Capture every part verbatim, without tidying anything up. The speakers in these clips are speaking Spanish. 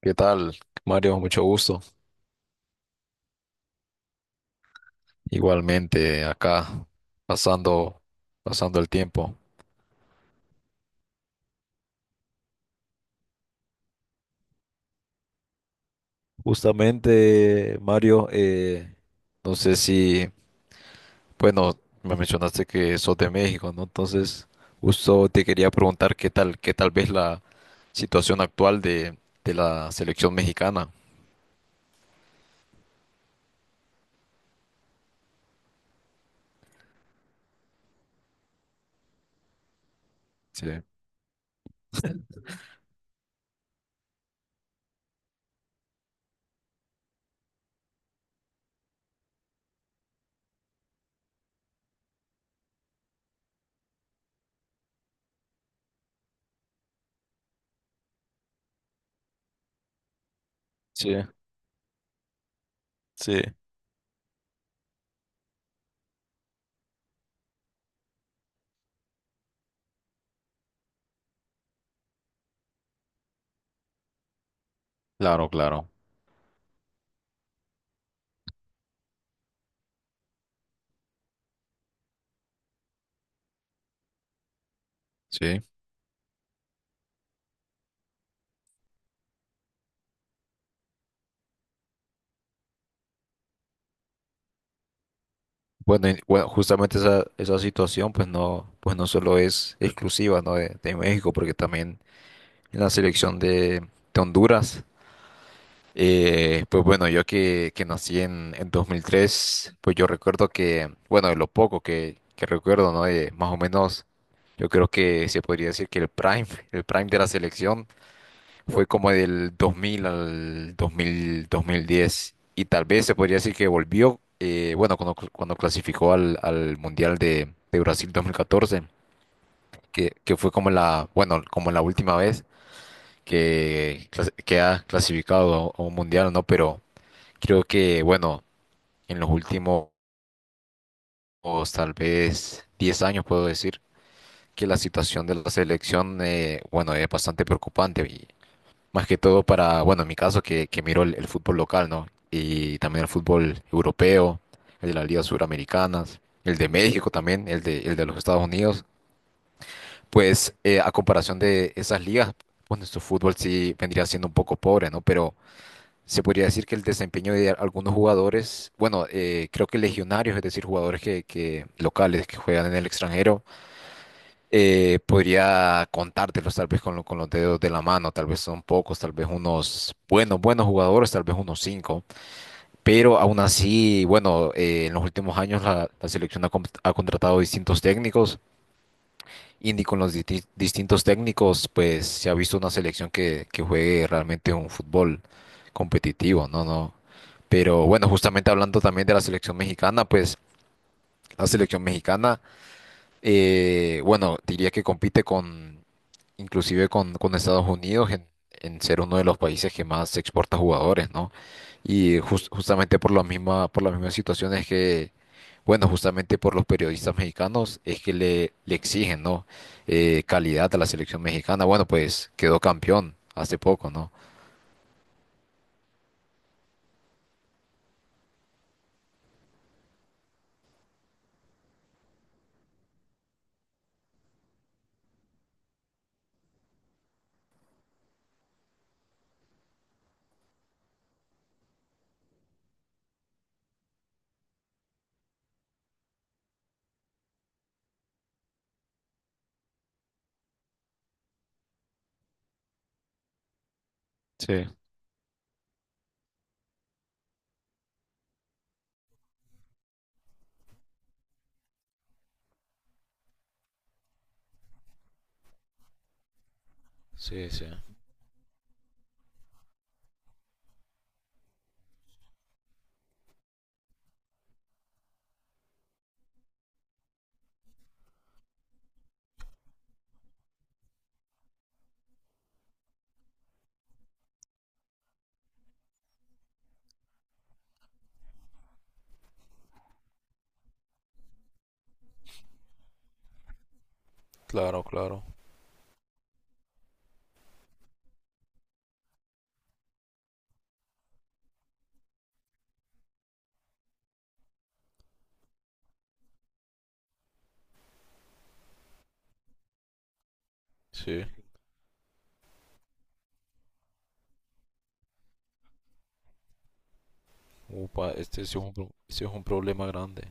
¿Qué tal, Mario? Mucho gusto. Igualmente acá, pasando, pasando el tiempo. Justamente, Mario, eh, no sé si, bueno, me mencionaste que sos de México, ¿no? Entonces, justo te quería preguntar qué tal, qué tal ves la situación actual de, de la selección mexicana. Sí, sí, sí. Claro, claro. Sí. Bueno, y- bueno, justamente esa, esa situación, pues no, pues no solo es exclusiva, ¿no? de de México, porque también en la selección de, de Honduras. Eh, pues bueno, yo que, que nací en, en dos mil tres, pues yo recuerdo que, bueno, de lo poco que, que recuerdo, ¿no? De más o menos, yo creo que se podría decir que el prime, el prime de la selección fue como del dos mil al dos mil, dos mil diez. Y tal vez se podría decir que volvió, eh, bueno, cuando, cuando clasificó al, al Mundial de, de Brasil dos mil catorce, que, que fue como la, bueno, como la última vez que, clas- que ha clasificado a a un mundial, ¿no? Pero creo que, bueno, en los últimos tal vez diez años puedo decir que la situación de la selección, eh, bueno, es bastante preocupante y más que todo para, bueno, en mi caso que, que miro el, el fútbol local, ¿no? Y también el fútbol europeo, el de las ligas suramericanas, el de México también, el de, el de los Estados Unidos, pues eh, a comparación de esas ligas, bueno, su fútbol sí vendría siendo un poco pobre, ¿no? Pero se podría decir que el desempeño de algunos jugadores, bueno, eh, creo que legionarios, es decir, jugadores que, que locales que juegan en el extranjero, eh, podría contártelos tal vez con, lo- con los dedos de la mano, tal vez son pocos, tal vez unos buenos, buenos jugadores, tal vez unos cinco, pero aún así, bueno, eh, en los últimos años la, la selección ha, con- ha contratado distintos técnicos Indy con los disti- distintos técnicos, pues se ha visto una selección que, que juegue realmente un fútbol competitivo, ¿no? No. Pero bueno, justamente hablando también de la selección mexicana, pues la selección mexicana, eh, bueno, diría que compite con, inclusive con, con Estados Unidos en, en ser uno de los países que más exporta jugadores, ¿no? Y jus- justamente por la misma, por las mismas situaciones que bueno, justamente por los periodistas mexicanos es que le, le exigen, ¿no? Eh, calidad a la selección mexicana. Bueno, pues quedó campeón hace poco, ¿no? Sí. Sí, sí, no, claro. Sí. Upa, este sí es un, pro- este es un problema grande.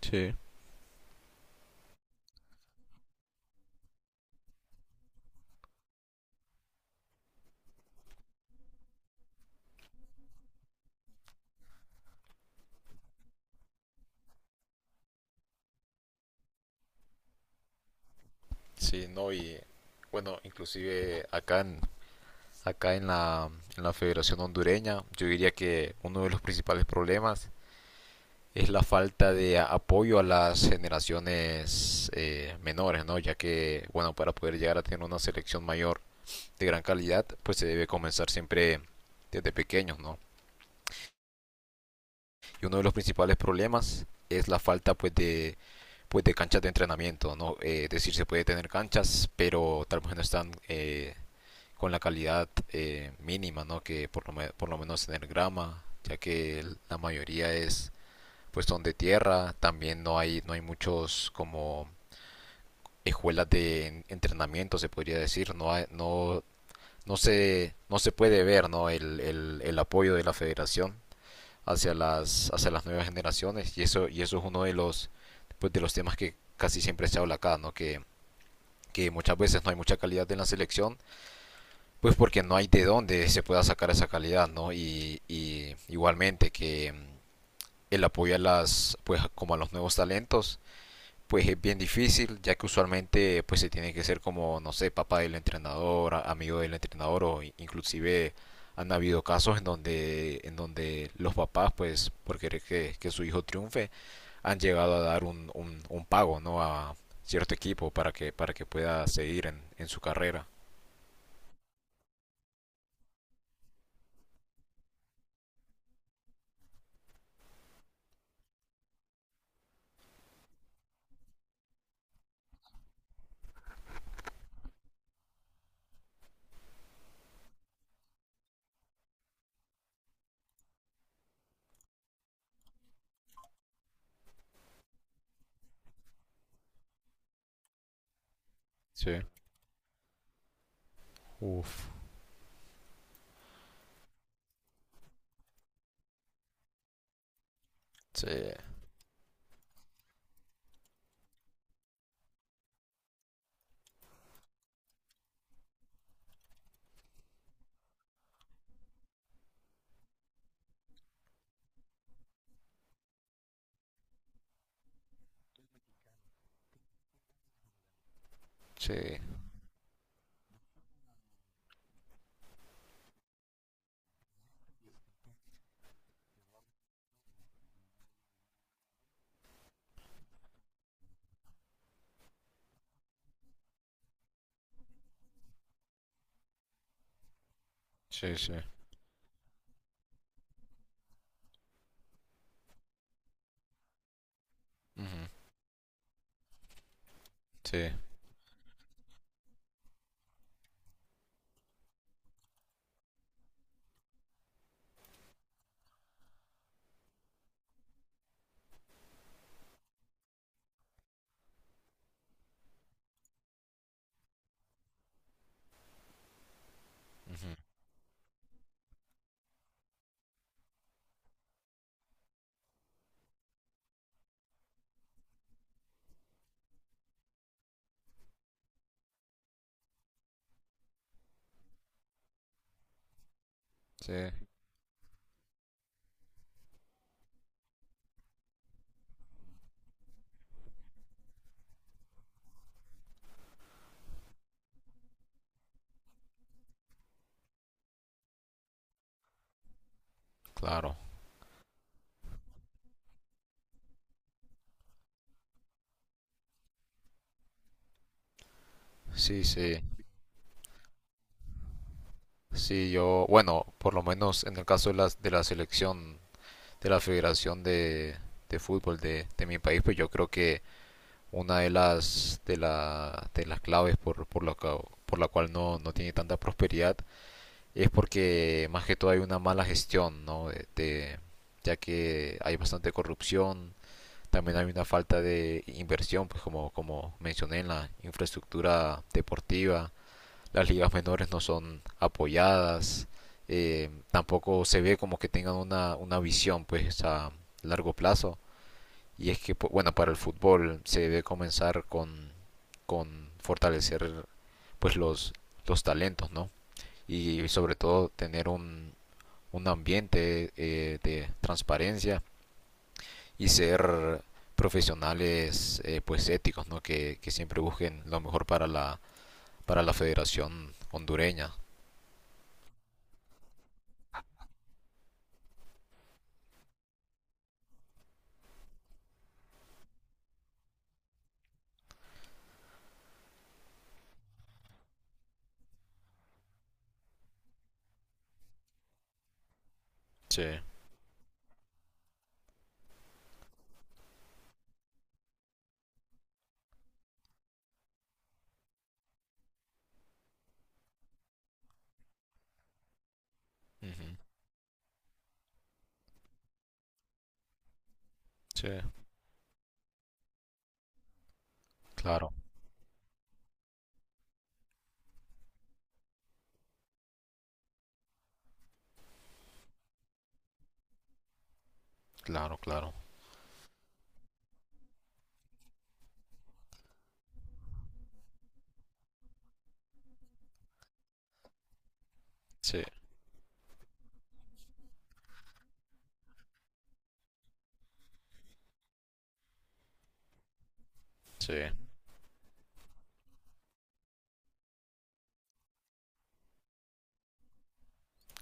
Sí. Sí, no, y bueno, inclusive acá en, acá en la, en la Federación Hondureña, yo diría que uno de los principales problemas es la falta de apoyo a las generaciones eh, menores, ¿no? Ya que, bueno, para poder llegar a tener una selección mayor de gran calidad, pues se debe comenzar siempre desde pequeños, ¿no? Y uno de los principales problemas es la falta, pues, de, pues, de canchas de entrenamiento, ¿no? Eh, es decir, se puede tener canchas, pero tal vez no están eh, con la calidad eh, mínima, ¿no? Que por lo, por lo menos tener grama, ya que la mayoría es pues son de tierra, también no hay, no hay muchos como escuelas de entrenamiento, se podría decir, no hay- no, no se, no se puede ver, ¿no? el, el- el apoyo de la federación hacia las, hacia las nuevas generaciones, y eso, y eso es uno de los, pues, de los temas que casi siempre se habla acá, ¿no? que, que muchas veces no hay mucha calidad en la selección, pues porque no hay de dónde se pueda sacar esa calidad, ¿no? Y, y igualmente que el apoyo a las, pues como a los nuevos talentos, pues es bien difícil, ya que usualmente pues se tiene que ser como, no sé, papá del entrenador, a- amigo del entrenador o i- inclusive han habido casos en donde, en donde los papás pues por querer que, que su hijo triunfe han llegado a dar un, un, un pago, ¿no? a cierto equipo para que, para que pueda seguir en, en su carrera. Sí, uf. Sí, sí, sí, sí. Ujú. Sí, ujú, sí, claro. Sí, sí. Sí, yo, bueno, por lo menos en el caso de la, de la selección, de la Federación de, de Fútbol de, de mi país, pues yo creo que una de las, de la, de las claves por, por, la, cua- por la cual no, no tiene tanta prosperidad es porque más que todo hay una mala gestión, ¿no? De, de- ya que hay bastante corrupción, también hay una falta de inversión, pues como, como mencioné en la infraestructura deportiva las ligas menores no son apoyadas, eh, tampoco se ve como que tengan una, una visión pues a largo plazo. Y es que, pues, bueno, para el fútbol se debe comenzar con, con fortalecer pues los, los talentos, ¿no? Y sobre todo tener un, un ambiente eh, de transparencia y ser profesionales eh, pues éticos, ¿no? Que, que, siempre busquen lo mejor para la, para la federación hondureña. Sí. Uh -huh. Sí. Claro, claro, claro. Sí, sí.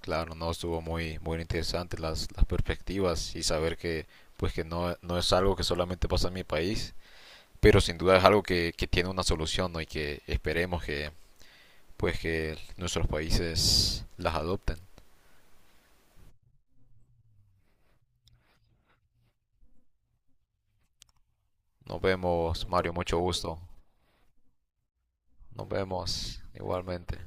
Claro, no estuvo muy, muy interesante las, las perspectivas y saber que, pues que no, no es algo que solamente pasa en mi país, pero sin duda es algo que, que tiene una solución, ¿no? Y que esperemos que, pues que nuestros países las adopten. Nos vemos, Mario, mucho gusto. Nos vemos igualmente.